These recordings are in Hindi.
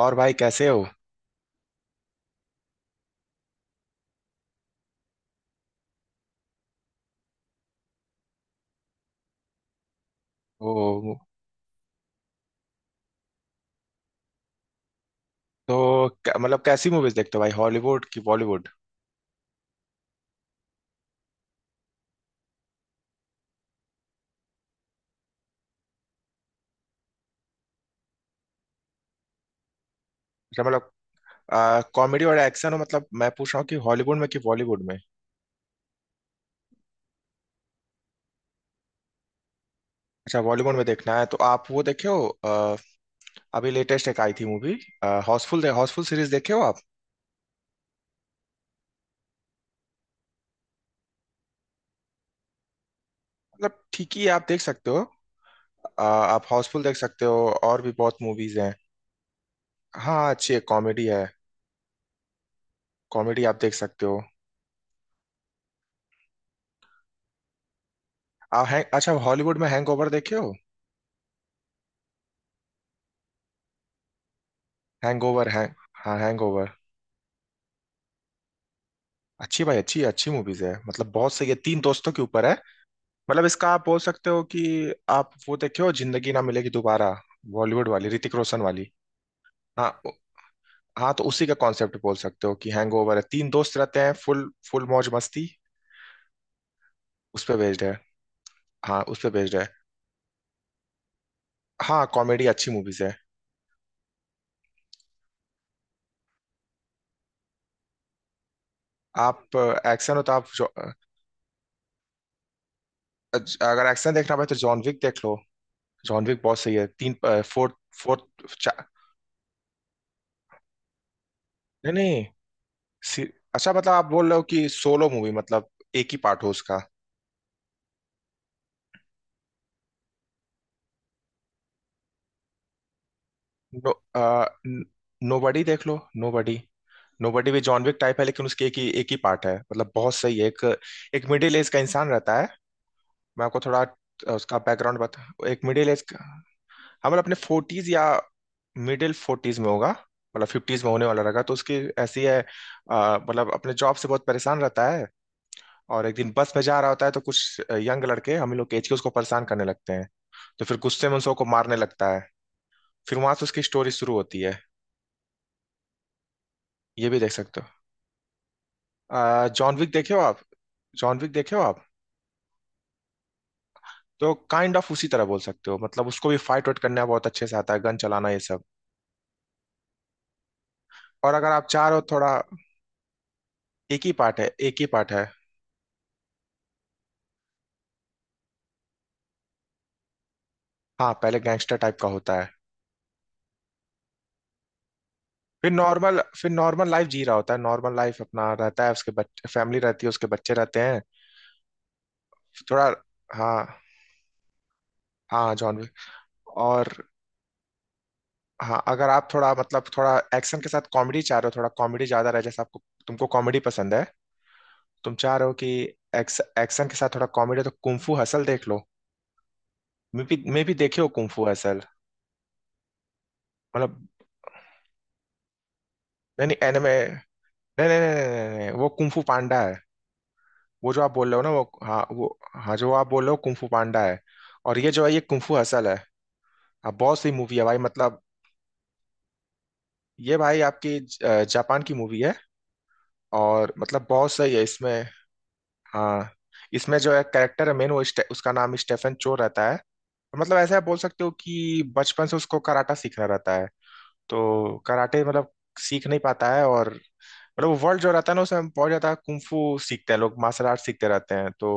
और भाई कैसे हो। ओ। तो मतलब कैसी मूवीज देखते हो भाई, हॉलीवुड की बॉलीवुड? अच्छा मतलब कॉमेडी और एक्शन हो। मतलब मैं पूछ रहा हूँ कि हॉलीवुड में कि बॉलीवुड में? अच्छा, बॉलीवुड में देखना है तो आप वो देखे हो अभी लेटेस्ट एक आई थी मूवी। हाउसफुल, हाउसफुल सीरीज देखे हो आप? मतलब ठीक ही है, आप देख सकते हो। आप हाउसफुल देख सकते हो। और भी बहुत मूवीज हैं। हाँ, अच्छी है, कॉमेडी है। कॉमेडी आप देख सकते हो। आप हैंग, अच्छा, हॉलीवुड में हैंगओवर देखे हो? हैंगओवर है। हाँ, हैंगओवर। अच्छी भाई, अच्छी अच्छी मूवीज है, मतलब बहुत सही है, तीन दोस्तों के ऊपर है। मतलब इसका आप बोल सकते हो कि आप वो देखे हो जिंदगी ना मिलेगी दोबारा, बॉलीवुड वाली ऋतिक रोशन वाली? हाँ हाँ, तो उसी का कॉन्सेप्ट बोल सकते हो कि हैंगओवर है, तीन दोस्त रहते हैं, फुल फुल मौज मस्ती। उस पे बेस्ड है। हाँ, उस पे बेस्ड है। हाँ, कॉमेडी, अच्छी मूवीज है। आप एक्शन हो तो आप अगर एक्शन देखना भाई तो जॉन विक देख लो। जॉन विक बहुत सही है, तीन। फोर्थ। फोर्थ। नहीं नहीं। सी- अच्छा मतलब आप बोल रहे हो कि सोलो मूवी, मतलब एक ही पार्ट हो उसका। नो, आ, नोबडी देख लो। नोबडी। नोबडी भी जॉन विक टाइप है, लेकिन उसके एक ही पार्ट है, मतलब बहुत सही है। एक एक मिडिल एज का इंसान रहता है। मैं आपको थोड़ा उसका बैकग्राउंड बता, एक मिडिल एज का। हाँ, मतलब अपने 40s या मिडिल 40s में होगा। मतलब 50s में होने वाला रहेगा, तो उसकी ऐसी है। मतलब अपने जॉब से बहुत परेशान रहता है। और एक दिन बस में जा रहा होता है तो कुछ यंग लड़के, हम लोग के एज के, उसको परेशान करने लगते हैं। तो फिर गुस्से में उन सबको मारने लगता है। फिर वहां से उसकी स्टोरी शुरू होती है। ये भी देख सकते हो। जॉन विक देखे हो आप? जॉन विक देखे हो आप? तो काइंड ऑफ उसी तरह बोल सकते हो, मतलब उसको भी फाइट वाइट करना बहुत अच्छे से आता है, गन चलाना ये सब। और अगर आप चाह रहे हो थोड़ा। एक ही पार्ट है, एक ही पार्ट है। हाँ, पहले गैंगस्टर टाइप का होता है। फिर नॉर्मल लाइफ जी रहा होता है, नॉर्मल लाइफ अपना रहता है, उसके बच्चे, फैमिली रहती है, उसके बच्चे रहते हैं। थोड़ा। हाँ हाँ, जॉन विक। और। हाँ अगर आप थोड़ा मतलब थोड़ा एक्शन के साथ कॉमेडी चाह रहे हो, थोड़ा कॉमेडी ज्यादा रहे, जैसे आपको तुमको कॉमेडी पसंद है। तुम चाह रहे हो कि एक्शन के साथ थोड़ा कॉमेडी तो कुंफू हसल देख लो। मैं भी देखे हो कुंफू हसल? मतलब। नहीं नहीं, नहीं नहीं नहीं नहीं नहीं, नहीं, वो कुंफू पांडा है। वो जो आप बोल रहे हो ना, वो, हाँ वो। हाँ, जो आप बोल रहे हो कुंफू पांडा है। और ये जो है ये कुंफू हसल है। हाँ, बहुत सही मूवी है भाई, मतलब। ये भाई आपकी जापान की मूवी है। और मतलब बहुत सही है इसमें। हाँ। इसमें जो है कैरेक्टर है मेन, वो उसका नाम स्टेफन चो रहता है। मतलब ऐसा बोल सकते हो कि बचपन से उसको कराटा सीखना रहता है। तो कराटे मतलब सीख नहीं पाता है, और मतलब वो वर्ल्ड जो रहता है ना, उसमें बहुत ज्यादा कुंफू सीखते हैं लोग, मार्शल आर्ट सीखते रहते हैं, तो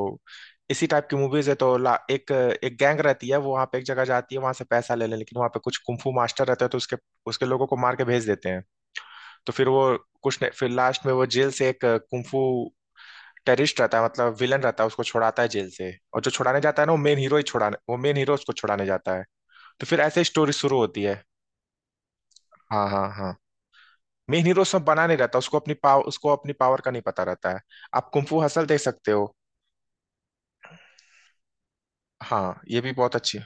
इसी टाइप की मूवीज है। तो एक एक गैंग रहती है, वो वहां पे एक जगह जाती है, वहां से पैसा ले ले, लेकिन वहां पे कुछ कुंफू मास्टर रहते हैं, तो उसके उसके लोगों को मार के भेज देते हैं। तो फिर वो फिर लास्ट में वो जेल से एक कुंफू टेररिस्ट रहता है, मतलब विलन रहता है, उसको छुड़ाता है जेल से। और जो छुड़ाने जाता है ना वो मेन हीरो ही छुड़ाने, वो मेन हीरो उसको छुड़ाने जाता है। तो फिर ऐसे ही स्टोरी शुरू होती है। हाँ हाँ हाँ। मेन हीरो, सब बना नहीं रहता, उसको अपनी पावर, उसको अपनी पावर का नहीं पता रहता है। आप कुंफू हसल देख सकते हो। हाँ, ये भी बहुत अच्छी।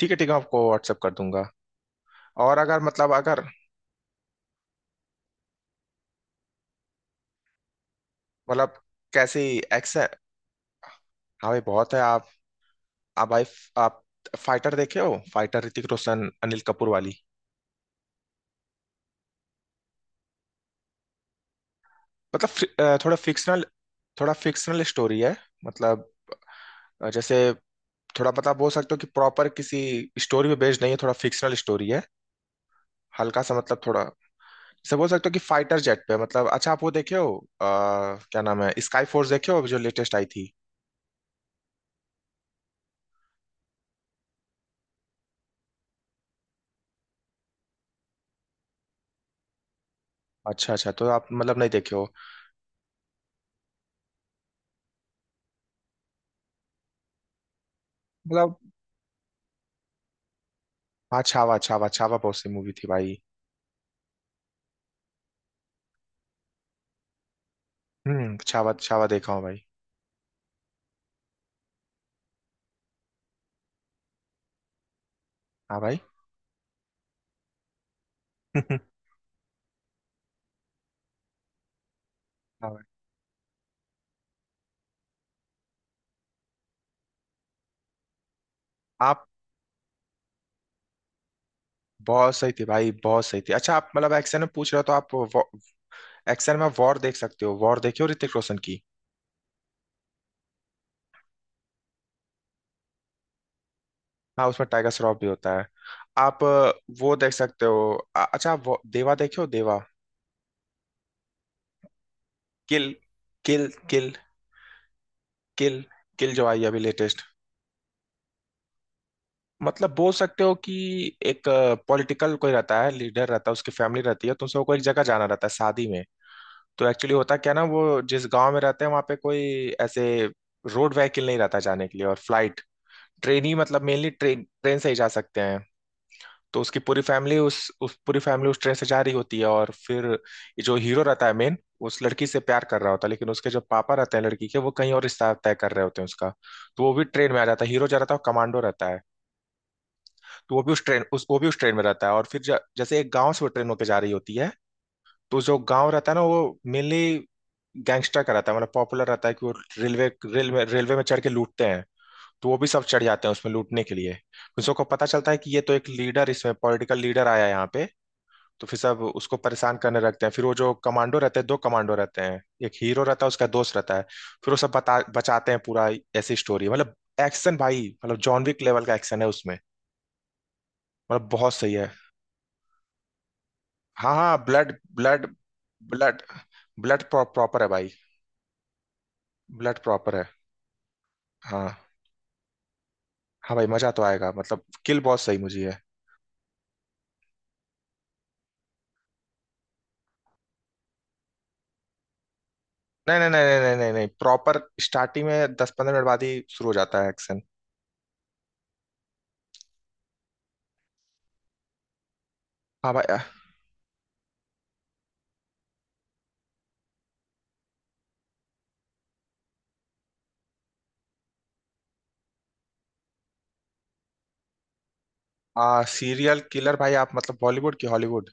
ठीक है ठीक है, मैं आपको व्हाट्सअप कर दूंगा। और अगर मतलब अगर मतलब कैसी एक्शन? हाँ भाई, बहुत है। आप भाई आप फाइटर देखे हो, फाइटर ऋतिक रोशन अनिल कपूर वाली? मतलब थोड़ा फिक्शनल। थोड़ा फिक्शनल स्टोरी है। मतलब। जैसे थोड़ा मतलब बोल सकते हो कि प्रॉपर किसी स्टोरी पे बेस्ड नहीं है, थोड़ा फिक्शनल स्टोरी है। हल्का सा मतलब थोड़ा। जैसे बोल सकते हो कि फाइटर जेट पे, मतलब अच्छा आप वो देखे हो अ, क्या नाम है, स्काई फोर्स देखे हो जो लेटेस्ट आई थी? अच्छा अच्छा, तो आप मतलब नहीं देखे हो। मतलब। हाँ छावा, छावा छावा बहुत सी मूवी थी भाई। हम्म, छावा, छावा देखा हूँ भाई। हाँ भाई। हाँ भाई। आप बहुत सही थी भाई, बहुत सही थी। अच्छा आप मतलब एक्शन में पूछ रहे हो तो आप एक्शन में वॉर देख सकते हो, वॉर देखे हो ऋतिक रोशन की? हाँ, उसमें टाइगर श्रॉफ भी होता है। आप वो देख सकते हो। अच्छा आप देवा देखे हो, Deva? Kill, Kill, Kill, Kill, Kill जो आई अभी लेटेस्ट। मतलब बोल सकते हो कि एक पॉलिटिकल कोई रहता है, लीडर रहता है, उसकी फैमिली रहती है, तो उसे को एक जगह जाना रहता है शादी में। तो एक्चुअली होता क्या ना वो जिस गांव में रहते हैं वहाँ पे कोई ऐसे रोड व्हीकल नहीं रहता जाने के लिए, और फ्लाइट, ट्रेन ही, मतलब मेनली ट्रेन ट्रेन से ही जा सकते हैं। तो उसकी पूरी फैमिली उस पूरी फैमिली उस ट्रेन से जा रही होती है, और फिर ये जो हीरो रहता है मेन, उस लड़की से प्यार कर रहा होता है, लेकिन उसके जो पापा रहते हैं लड़की के, वो कहीं और रिश्ता तय कर रहे होते हैं उसका। तो वो भी ट्रेन में आ जाता है, हीरो जा रहा था, वो कमांडो रहता है। तो वो भी उस ट्रेन, उस वो भी उस ट्रेन में रहता है, और फिर जैसे एक गाँव से वो ट्रेन होकर जा रही होती है। तो जो गाँव रहता है ना वो मेनली गैंगस्टर का रहता है, मतलब पॉपुलर रहता है कि वो रेलवे रेलवे रेलवे में चढ़ के लूटते हैं। तो वो भी सब चढ़ जाते हैं उसमें लूटने के लिए। उन सबको पता चलता है कि ये तो एक लीडर इसमें, पॉलिटिकल लीडर आया है यहाँ पे। तो फिर सब उसको परेशान करने लगते हैं, फिर वो जो कमांडो रहते हैं, दो कमांडो रहते हैं, एक हीरो रहता है, उसका दोस्त रहता है। फिर वो सब बता बचाते हैं पूरा। ऐसी स्टोरी मतलब। एक्शन भाई, मतलब जॉन विक लेवल का एक्शन है उसमें। मतलब बहुत सही है। हाँ हाँ, blood blood. Blood. Blood proper है भाई। ब्लड प्रॉपर है। हाँ। हाँ भाई, मजा तो आएगा, मतलब किल बहुत सही मुझे है। नहीं नहीं नहीं नहीं नहीं नहीं, प्रॉपर स्टार्टिंग में 10-15 मिनट बाद ही शुरू हो जाता है एक्शन। हाँ भाई। सीरियल किलर भाई? आप मतलब बॉलीवुड की हॉलीवुड?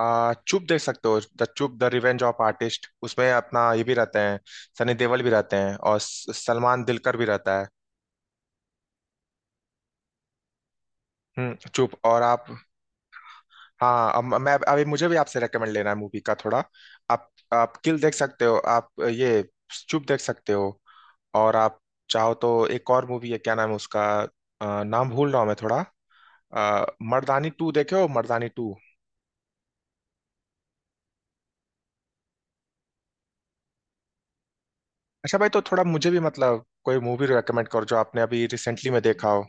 चुप देख सकते हो, the Chup the revenge of artist. उसमें अपना ये भी रहते हैं, सनी देओल भी रहते हैं, और सलमान दिलकर भी रहता है। हम्म, चुप। और आप हाँ, अब मैं अभी मुझे भी आपसे रेकमेंड लेना है मूवी का थोड़ा। आप किल देख सकते हो, आप ये चुप देख सकते हो। और आप चाहो तो एक और मूवी है, क्या नाम है उसका? नाम भूल रहा हूँ मैं थोड़ा। आ, मर्दानी टू देखे हो, मर्दानी टू? अच्छा भाई, तो थोड़ा मुझे भी मतलब कोई मूवी रेकमेंड करो जो आपने अभी रिसेंटली में देखा हो।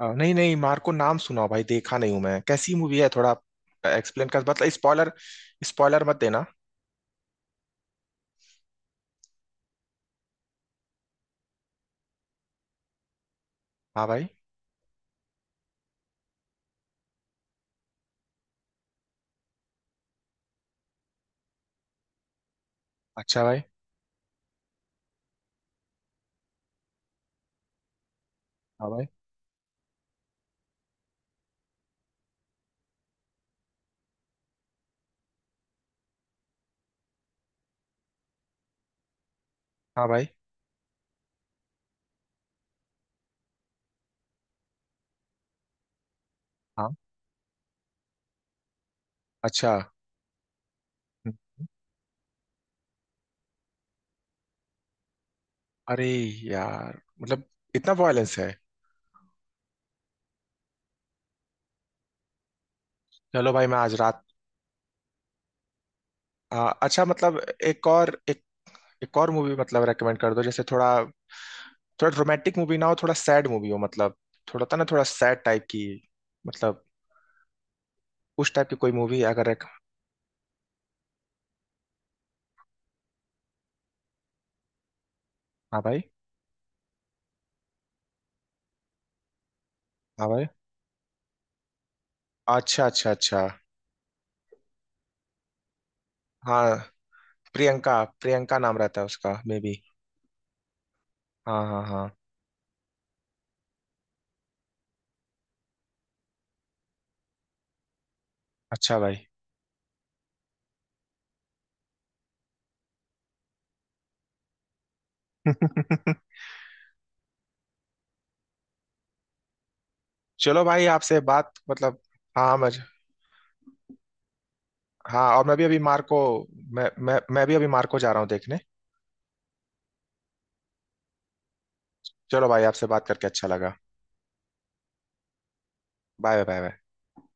नहीं नहीं, मार्को नाम सुना हो भाई, देखा नहीं हूं मैं, कैसी मूवी है थोड़ा एक्सप्लेन कर, मतलब स्पॉइलर स्पॉइलर मत देना। हाँ भाई। अच्छा भाई। हाँ भाई। हाँ भाई। हाँ। अच्छा। हम्म, अरे यार, मतलब इतना वायलेंस है। चलो भाई मैं आज रात अच्छा मतलब एक और एक एक और मूवी मतलब रेकमेंड कर दो, जैसे थोड़ा, थोड़ा रोमांटिक मूवी ना हो, थोड़ा सैड मूवी हो, मतलब थोड़ा था ना, थोड़ा सैड टाइप की। मतलब उस टाइप की कोई मूवी अगर एक। हाँ भाई। हाँ भाई। अच्छा अच्छा अच्छा। हाँ, प्रियंका, प्रियंका नाम रहता है उसका, मे बी। हाँ हाँ हाँ। अच्छा भाई। चलो भाई, आपसे बात मतलब। हाँ मैं हाँ, और मैं भी अभी मार्को मैं भी अभी मार्को जा रहा हूँ देखने। चलो भाई, आपसे बात करके अच्छा लगा। Bye bye bye.